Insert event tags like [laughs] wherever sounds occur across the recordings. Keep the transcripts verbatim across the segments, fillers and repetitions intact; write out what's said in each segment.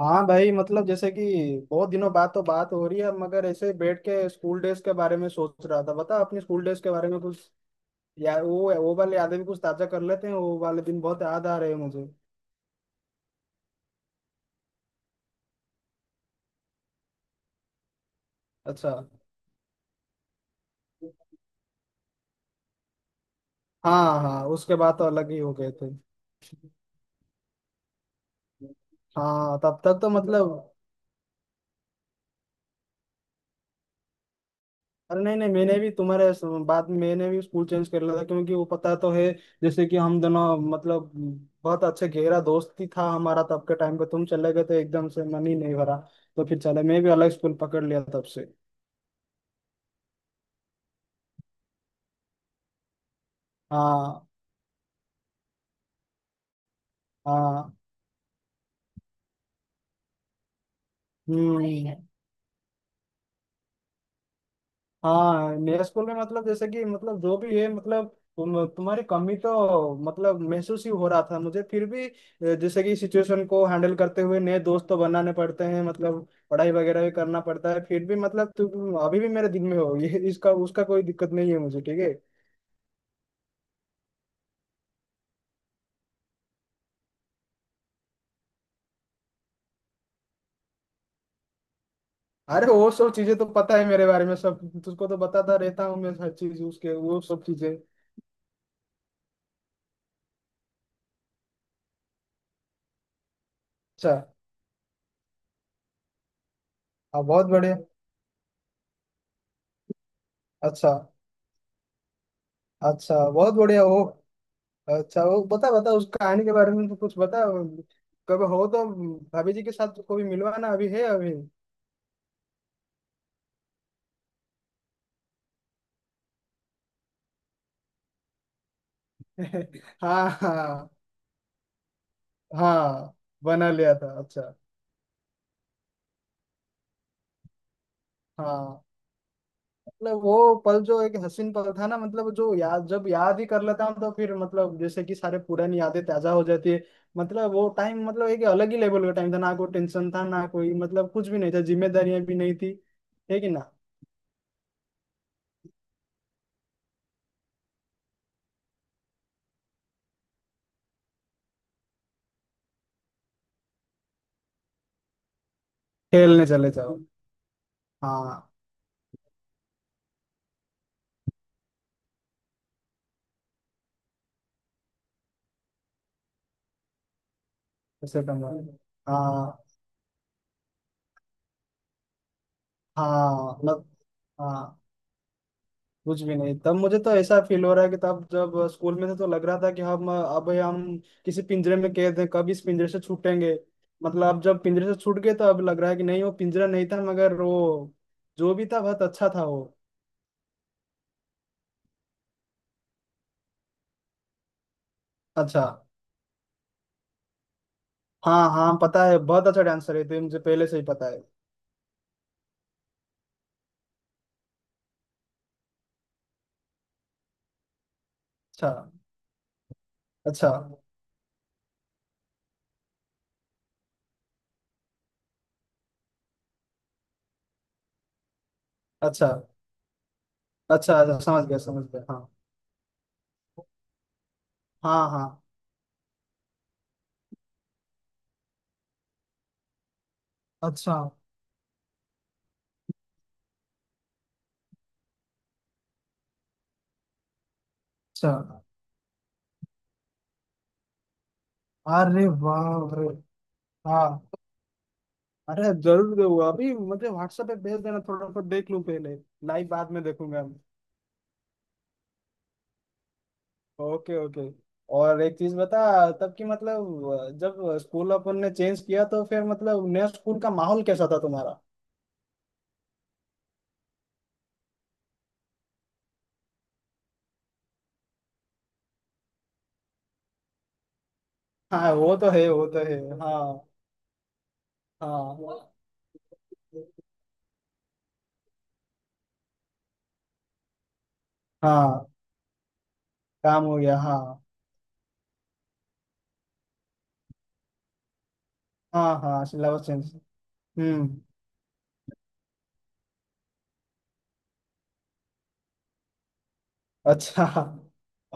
हाँ भाई, मतलब जैसे कि बहुत दिनों बाद तो बात हो रही है, मगर ऐसे बैठ के स्कूल डेज के बारे में सोच रहा था। बता अपने स्कूल डेज के बारे में कुछ, या वो वो वाले यादें भी कुछ ताजा कर लेते हैं। वो वाले दिन बहुत याद आ रहे हैं मुझे। अच्छा। हाँ हाँ, उसके बाद तो अलग ही हो गए थे। हाँ, तब तक तो मतलब। अरे नहीं नहीं, मैंने भी तुम्हारे स- बाद में मैंने भी स्कूल चेंज कर लिया था, क्योंकि वो पता तो है। जैसे कि हम दोनों, मतलब बहुत अच्छे गहरा दोस्ती था हमारा, तब के टाइम पे तुम चले गए तो एकदम से मन ही नहीं भरा। तो फिर चले, मैं भी अलग स्कूल पकड़ लिया तब से। हाँ हाँ। हम्म। हाँ, मेरे स्कूल में, मतलब जैसे कि, मतलब जो भी है, मतलब तुम तुम्हारी कमी तो मतलब महसूस ही हो रहा था मुझे, फिर भी अ, जैसे कि सिचुएशन को हैंडल करते हुए नए दोस्त तो बनाने पड़ते हैं, मतलब पढ़ाई वगैरह भी करना पड़ता है। फिर भी मतलब तुम अभी भी मेरे दिल में हो, ये इसका उसका कोई दिक्कत नहीं है मुझे, ठीक है। अरे वो सब चीजें तो पता है मेरे बारे में सब। तुझको तो बताता रहता हूँ मैं हर चीज, उसके वो सब चीजें। अच्छा। हाँ बहुत बढ़िया। अच्छा। अच्छा बहुत बढ़िया, ओ। अच्छा, वो बता बता उस कहानी के बारे में तो कुछ बता। कभी हो तो भाभी जी के साथ कभी मिलवाना, अभी है अभी। [laughs] हाँ हाँ। हाँ, बना लिया था, अच्छा। हाँ, मतलब वो पल जो एक हसीन पल था ना, मतलब जो याद जब याद ही कर लेता हूँ, तो फिर मतलब जैसे कि सारे पुरानी यादें ताजा हो जाती है। मतलब वो टाइम, मतलब एक अलग ही लेवल का टाइम था, ना कोई टेंशन था, ना कोई, मतलब कुछ भी नहीं था, जिम्मेदारियां भी नहीं थी। है कि ना। खेलने चले जाओ। हाँ। ऐसे टाइम। हाँ हाँ मतलब। हाँ। कुछ भी नहीं तब, मुझे तो ऐसा फील हो रहा है कि तब जब स्कूल में थे तो लग रहा था कि हम, अब हम किसी पिंजरे में कैद हैं, कब इस पिंजरे से छूटेंगे। मतलब अब जब पिंजरे से छूट गए तो अब लग रहा है कि नहीं, वो पिंजरा नहीं था, मगर वो जो भी था बहुत अच्छा था वो। अच्छा। हाँ हाँ, पता है, बहुत अच्छा डांसर है, तो ये मुझे पहले से ही पता है। अच्छा। अच्छा। अच्छा। अच्छा अच्छा, समझ गया समझ गया, हाँ। हाँ हाँ। अच्छा। अच्छा। अरे वाह रे। हाँ। अरे जरूर दूंगा, अभी मुझे व्हाट्सएप पे भेज देना, थोड़ा सा देख लूं पहले। लाइव बाद में देखूंगा। Okay okay. और एक चीज बता, तब की, मतलब जब स्कूल अपन ने चेंज किया तो फिर मतलब नया स्कूल का माहौल कैसा था तुम्हारा। हाँ, वो तो है वो तो है, हाँ। हाँ हाँ। काम हो गया, हाँ। हाँ हाँ, सिलेबस चेंज। हम्म। अच्छा।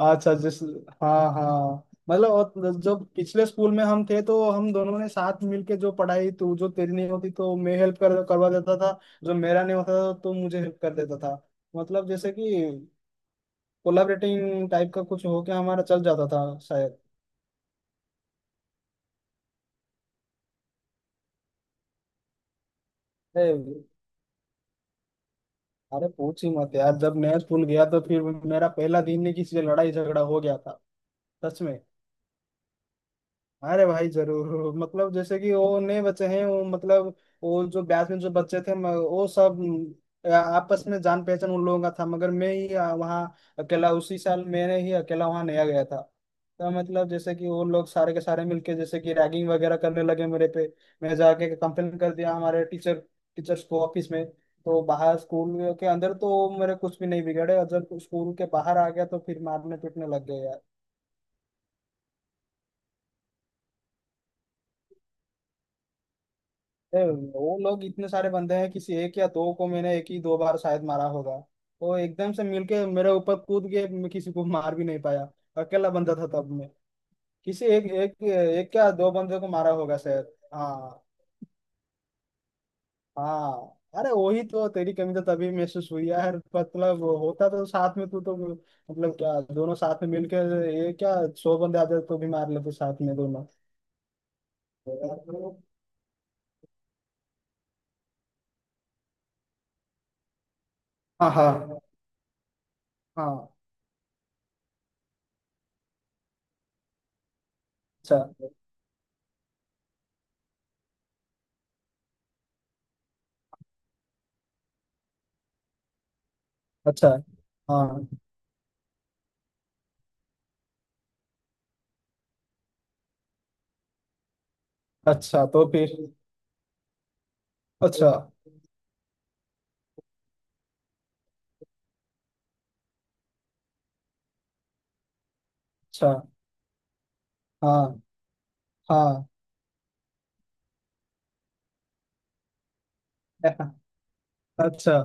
अच्छा जिस हाँ हाँ, मतलब, और जो पिछले स्कूल में हम थे तो हम दोनों ने साथ मिलके जो पढ़ाई, तू जो तेरी नहीं होती तो मैं हेल्प कर करवा देता था। जो मेरा नहीं होता था तो मुझे हेल्प कर देता था। मतलब जैसे कि कोलाबरेटिंग टाइप का कुछ होके हमारा चल जाता था शायद। ए, अरे पूछ ही मत यार, जब नया स्कूल गया तो फिर मेरा पहला दिन ही किसी से लड़ाई झगड़ा हो गया था। सच में। अरे भाई जरूर, मतलब जैसे कि वो नए बच्चे हैं, वो मतलब वो जो बैच में जो बच्चे थे म- वो सब अ, आपस में जान पहचान उन लोगों का था, मगर मैं ही अ, वहाँ अकेला, उसी साल मैंने ही अकेला वहाँ नया गया था। तो मतलब जैसे कि वो लोग सारे के सारे मिलके जैसे कि रैगिंग वगैरह करने लगे मेरे पे। मैं जाके कंप्लेन कर दिया हमारे टीचर टीचर्स को ऑफिस में। तो बाहर, स्कूल के अंदर तो मेरे कुछ भी नहीं बिगड़े, और जब स्कूल के बाहर आ गया तो फिर मारने पीटने लग गए। ए, वो लोग इतने सारे बंदे हैं, किसी एक या दो को मैंने एक ही दो बार शायद मारा होगा। वो एकदम से मिलके मेरे ऊपर कूद के, मैं किसी को मार भी नहीं पाया। अकेला बंदा था तब मैं। किसी एक एक एक या दो बंदे को मारा होगा शायद। हाँ हाँ। अरे वही तो, तेरी कमी तो तभी महसूस हुई यार, मतलब वो होता तो साथ में तू तो, मतलब क्या दोनों साथ में मिलके, ये क्या सौ बंदे आते तो भी मार लेते साथ में दोनों। हाँ हाँ हाँ। अच्छा। अच्छा। हाँ। अच्छा, तो फिर अच्छा। अच्छा। हाँ हाँ। अच्छा।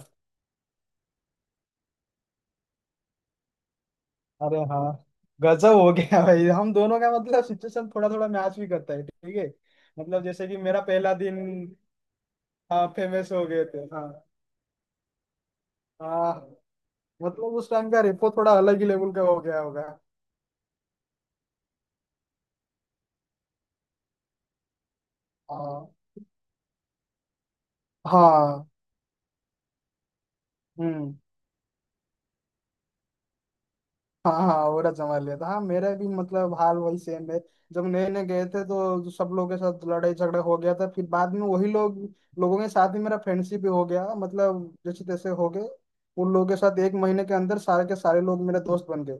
अरे हाँ, गजब हो गया भाई, हम दोनों का मतलब सिचुएशन थोड़ा थोड़ा मैच भी करता है, ठीक है। मतलब जैसे कि मेरा पहला दिन। हाँ फेमस हो गए थे, हाँ। हाँ। मतलब उस टाइम का रेपो थोड़ा अलग ही लेवल का हो गया होगा। हाँ हाँ। हम्म। हाँ हाँ, औरत संभाल लिया था। हाँ, मेरा भी मतलब हाल वही सेम है। जब नए नए गए थे तो सब लोगों के साथ लड़ाई झगड़ा हो गया था, फिर बाद में वही लोग, लोगों के साथ ही मेरा फ्रेंडशिप भी हो गया, मतलब जैसे तैसे हो गए। उन लोगों के साथ एक महीने के अंदर सारे के सारे लोग मेरे दोस्त बन गए।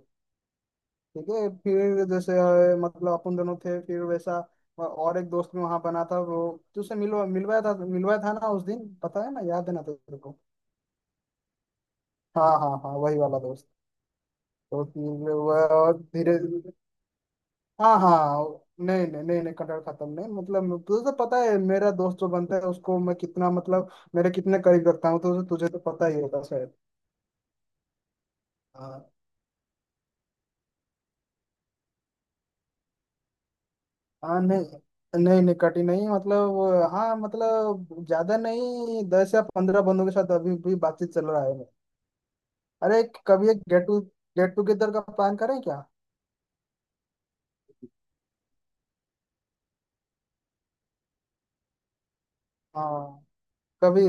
ठीक है, फिर जैसे अ, मतलब अपन दोनों थे फिर वैसा। अ, और एक दोस्त भी वहां बना था, वो तुझसे मिलवा मिलवाया था, मिलवाया था ना उस दिन, पता है ना, याद है ना तेरे को। हाँ हाँ हाँ, वही वाला दोस्त। तो फिर वह धीरे। हाँ हाँ, नहीं नहीं नहीं नहीं, कटहल खत्म नहीं, मतलब तुझे तो पता है मेरा दोस्त जो बनता है उसको मैं कितना, मतलब मेरे कितने करीब रखता हूँ, तो तुझे तो पता ही होगा शायद। हाँ। हाँ नहीं नहीं नहीं, कटी नहीं, मतलब हाँ, मतलब ज्यादा नहीं, दस या पंद्रह बंदों के साथ अभी भी बातचीत चल रहा है। अरे कभी एक गेट टू गेट टुगेदर का प्लान करें क्या। हाँ। कभी।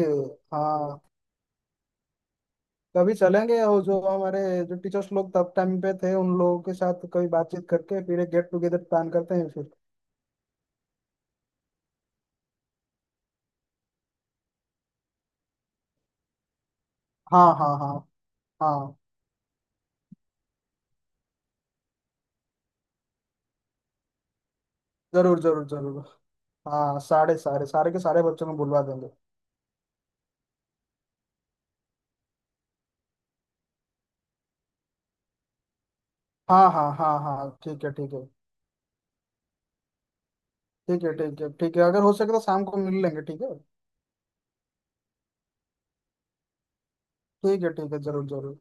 हाँ। कभी चलेंगे, और जो हमारे जो टीचर्स लोग तब टाइम पे थे उन लोगों के साथ कभी बातचीत करके फिर एक गेट टुगेदर प्लान करते हैं फिर। हाँ हाँ हाँ हाँ। जरूर जरूर जरूर। हाँ, सारे सारे सारे के सारे बच्चों को बुलवा देंगे। हाँ हाँ हाँ हाँ, ठीक है ठीक है। ठीक है ठीक है ठीक है, अगर हो सके तो शाम को मिल लेंगे, ठीक है। ठीक है ठीक है जरूर जरूर।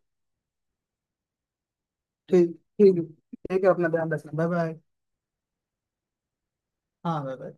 ठीक। ठीक है ठीक है, अपना ध्यान रखना, बाय बाय। हाँ बाय बाय।